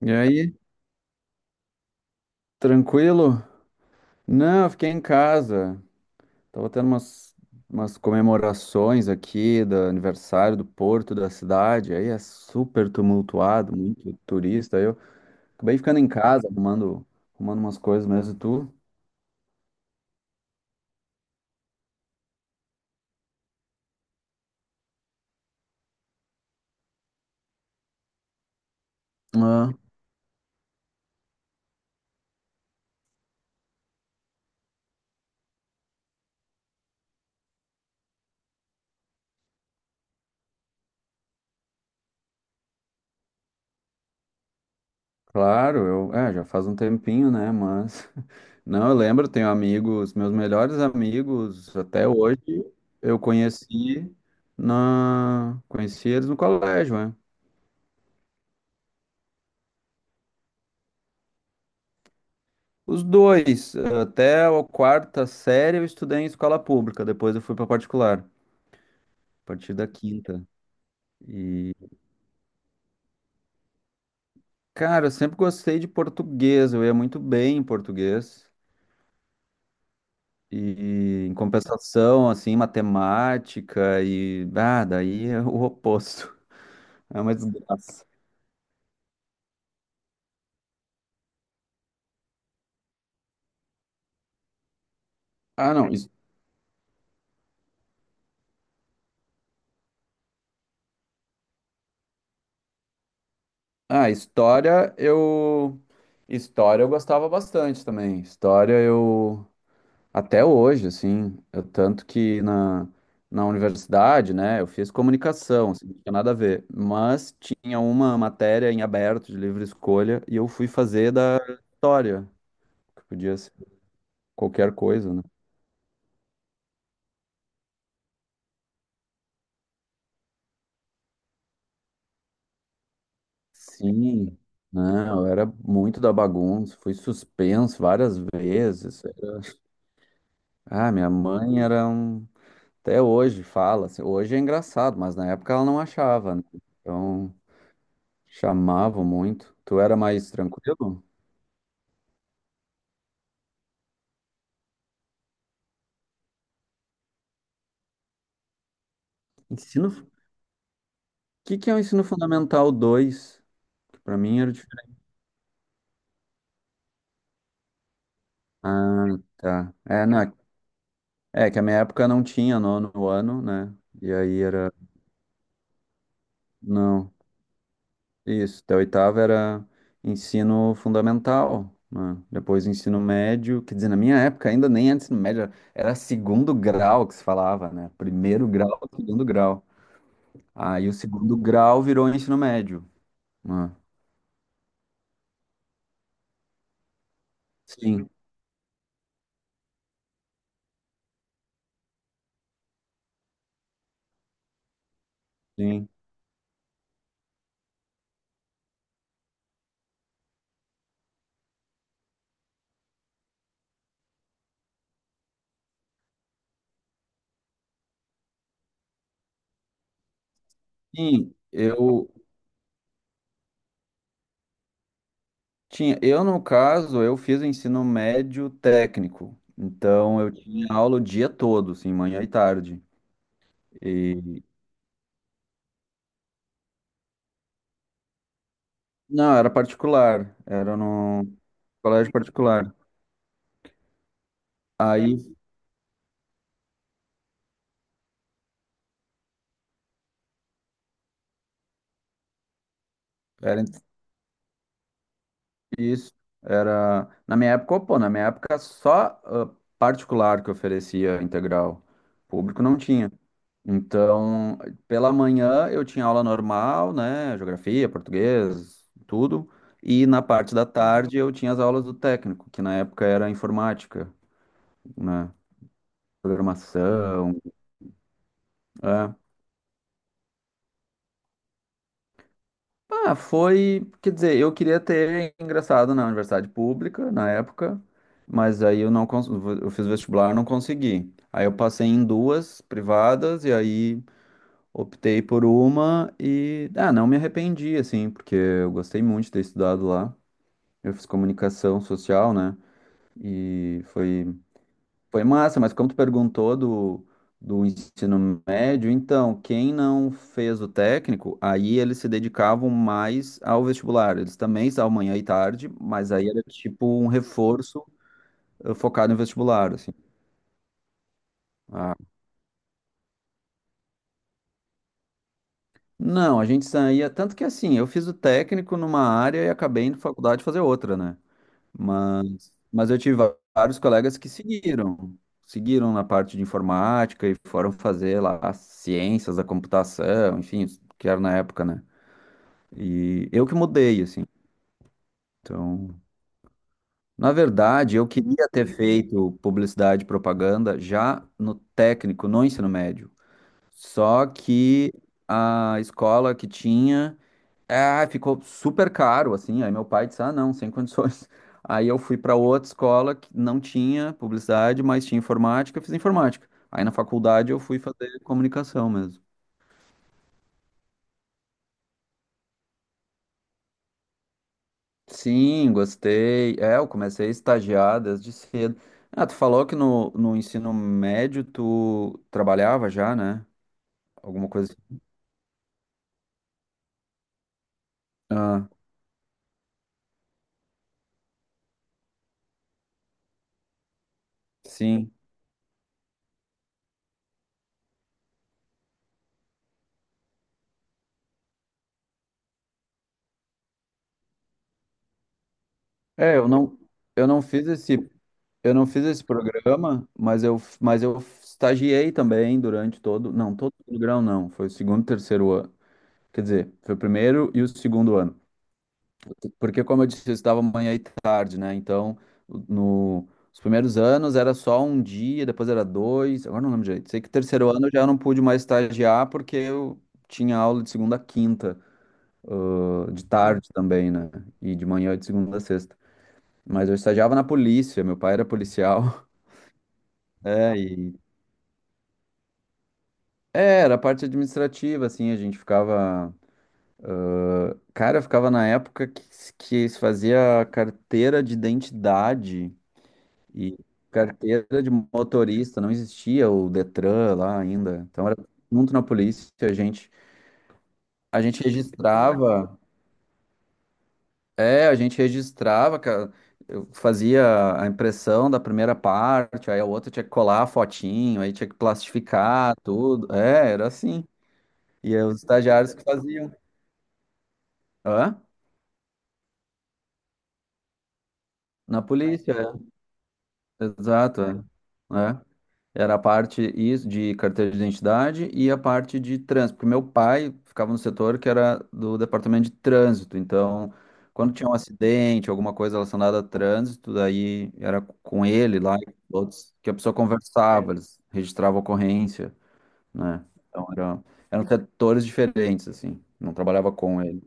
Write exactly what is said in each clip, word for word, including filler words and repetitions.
E aí, tranquilo? Não, eu fiquei em casa. Tava tendo umas, umas comemorações aqui do aniversário do porto da cidade. Aí é super tumultuado, muito turista. Aí eu acabei ficando em casa, arrumando, arrumando umas coisas mesmo. E tu? Ah, claro, eu, é, já faz um tempinho, né? Mas não, eu lembro, tenho amigos, meus melhores amigos até hoje, eu conheci na, conheci eles no colégio, é. Os dois, até a quarta série eu estudei em escola pública, depois eu fui para particular, a partir da quinta. E, cara, eu sempre gostei de português, eu ia muito bem em português. E em compensação, assim, matemática e ah, daí é o oposto. É uma desgraça. Ah, não. his- Ah, história eu história eu gostava bastante também. História eu Até hoje, assim, eu- tanto que na, na universidade, né, eu fiz comunicação, assim, não tinha nada a ver, mas tinha uma matéria em aberto de livre escolha e eu fui fazer da história, que podia ser qualquer coisa, né? Sim, não, eu era muito da bagunça, fui suspenso várias vezes. Ah, minha mãe era um. Até hoje fala, assim, hoje é engraçado, mas na época ela não achava, né? Então chamavam muito. Tu era mais tranquilo? Ensino. O que que é o ensino fundamental dois? Que pra mim era diferente. Ah, tá. É, na... é que a minha época não tinha nono ano, né? E aí era. Não. Isso. Até a oitava era ensino fundamental, né? Depois ensino médio. Quer dizer, na minha época ainda nem era ensino médio, era era segundo grau que se falava, né? Primeiro grau, segundo grau. Aí o segundo grau virou ensino médio, né? Sim, sim. Sim, eu. Tinha, eu no caso, eu fiz o ensino médio técnico, então eu tinha aula o dia todo, assim, manhã e tarde. E não, era particular, era num colégio particular. Aí era. Isso. Era. Na minha época, pô, na minha época só ah, particular que oferecia integral. Público não tinha. Então, pela manhã eu tinha aula normal, né? Geografia, português, tudo. E na parte da tarde eu tinha as aulas do técnico, que na época era informática, né? Programação. É. Ah, foi, quer dizer, eu queria ter ingressado na universidade pública na época, mas aí eu não cons... eu fiz vestibular, não consegui. Aí eu passei em duas privadas e aí optei por uma e ah, não me arrependi assim, porque eu gostei muito de ter estudado lá. Eu fiz comunicação social, né? E foi foi massa, mas como tu perguntou do, do ensino médio, então, quem não fez o técnico, aí eles se dedicavam mais ao vestibular. Eles também estavam manhã e tarde, mas aí era tipo um reforço eh, focado em vestibular, assim. Ah, não, a gente saía, tanto que assim, eu fiz o técnico numa área e acabei indo na faculdade fazer outra, né? Mas, mas eu tive va- vários colegas que seguiram, seguiram na parte de informática e foram fazer lá as ciências da computação, enfim, os que era na época, né? E eu que mudei, assim. Então, na verdade, eu queria ter feito publicidade e propaganda já no técnico, no ensino médio. Só que a escola que tinha, é, ficou super caro, assim. Aí meu pai disse: ah, não, sem condições. Aí eu fui para outra escola que não tinha publicidade, mas tinha informática, eu fiz informática. Aí na faculdade eu fui fazer comunicação mesmo. Sim, gostei. É, eu comecei a estagiar desde cedo. Ah, tu falou que no, no ensino médio tu trabalhava já, né? Alguma coisa assim. Ah, sim. É, eu não, eu não fiz esse eu não fiz esse programa, mas eu, mas eu estagiei também durante todo. Não, todo o grau não. Foi o segundo e terceiro ano. Quer dizer, foi o primeiro e o segundo ano. Porque, como eu disse, eu estudava manhã e tarde, né? Então, no, os primeiros anos era só um dia, depois era dois. Agora não lembro direito. Sei que terceiro ano eu já não pude mais estagiar porque eu tinha aula de segunda a quinta, de tarde também, né? E de manhã de segunda a sexta. Mas eu estagiava na polícia, meu pai era policial. É, e É, era a parte administrativa, assim, a gente ficava. Cara, eu ficava na época que, se- que se fazia carteira de identidade e carteira de motorista, não existia o Detran lá ainda. Então era junto na polícia, a gente, a gente registrava, é, a gente registrava, ca- eu fazia a impressão da primeira parte, aí a outra tinha que colar a fotinho, aí tinha que plastificar tudo. É, era assim. E é os estagiários que faziam. Hã? Na polícia, é. Exato, é. É. Era a parte is- de carteira de identidade e a parte de trânsito, porque meu pai ficava no setor que era do departamento de trânsito, então quando tinha um acidente, alguma coisa relacionada a trânsito, daí era com ele lá, e outros, que a pessoa conversava, eles registravam a ocorrência, né? Então era, eram setores diferentes, assim, não trabalhava com ele.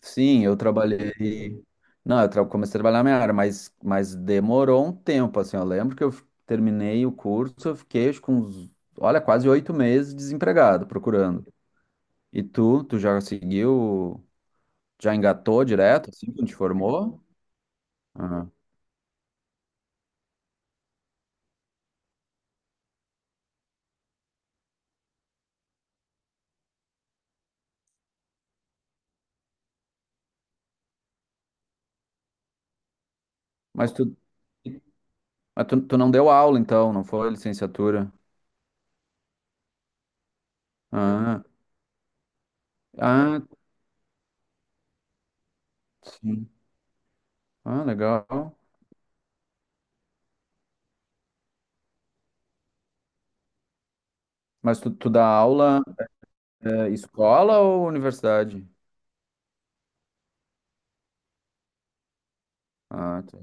Sim, eu trabalhei. Não, eu tra- comecei a trabalhar na minha área, mas, mas demorou um tempo, assim. Eu lembro que eu f- terminei o curso, eu fiquei acho, com uns, olha, quase oito meses desempregado, procurando. E tu, tu já seguiu, já engatou direto, assim, quando te formou? Ah. Mas tu, mas tu, tu não deu aula, então, não foi licenciatura? Ah, ah, sim. Ah, legal. Mas tu, tu dá aula, eh, escola ou universidade? Ah, tá.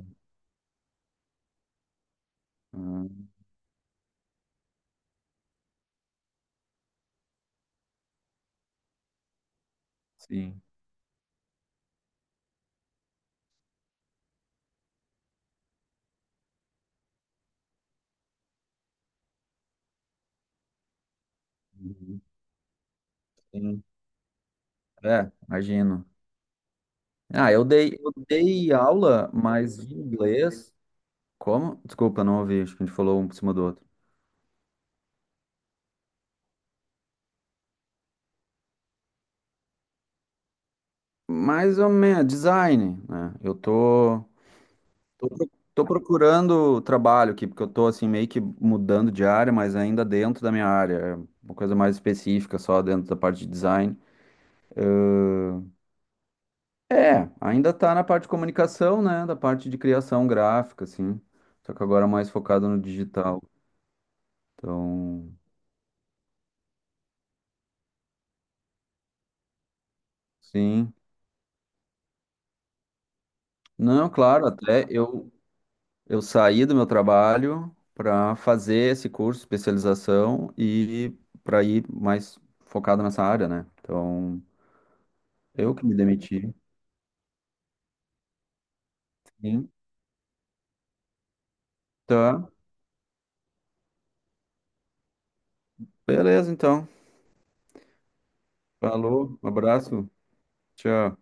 Ah, sim. Sim. É, imagino. Ah, eu dei, eu dei aula, mas de inglês. Como? Desculpa, não ouvi. Acho que a gente falou um por cima do outro. Mais ou menos, design, né? Eu tô, tô, pro- tô procurando trabalho aqui, porque eu tô assim meio que mudando de área, mas ainda dentro da minha área. É. Uma coisa mais específica, só dentro da parte de design. É, ainda tá na parte de comunicação, né? Da parte de criação gráfica, assim. Só que agora é mais focado no digital. Então, sim. Não, claro, até eu, eu saí do meu trabalho para fazer esse curso especialização e para ir mais focado nessa área, né? Então, eu que me demiti. Sim. Tá, beleza, então. Falou, um abraço, tchau.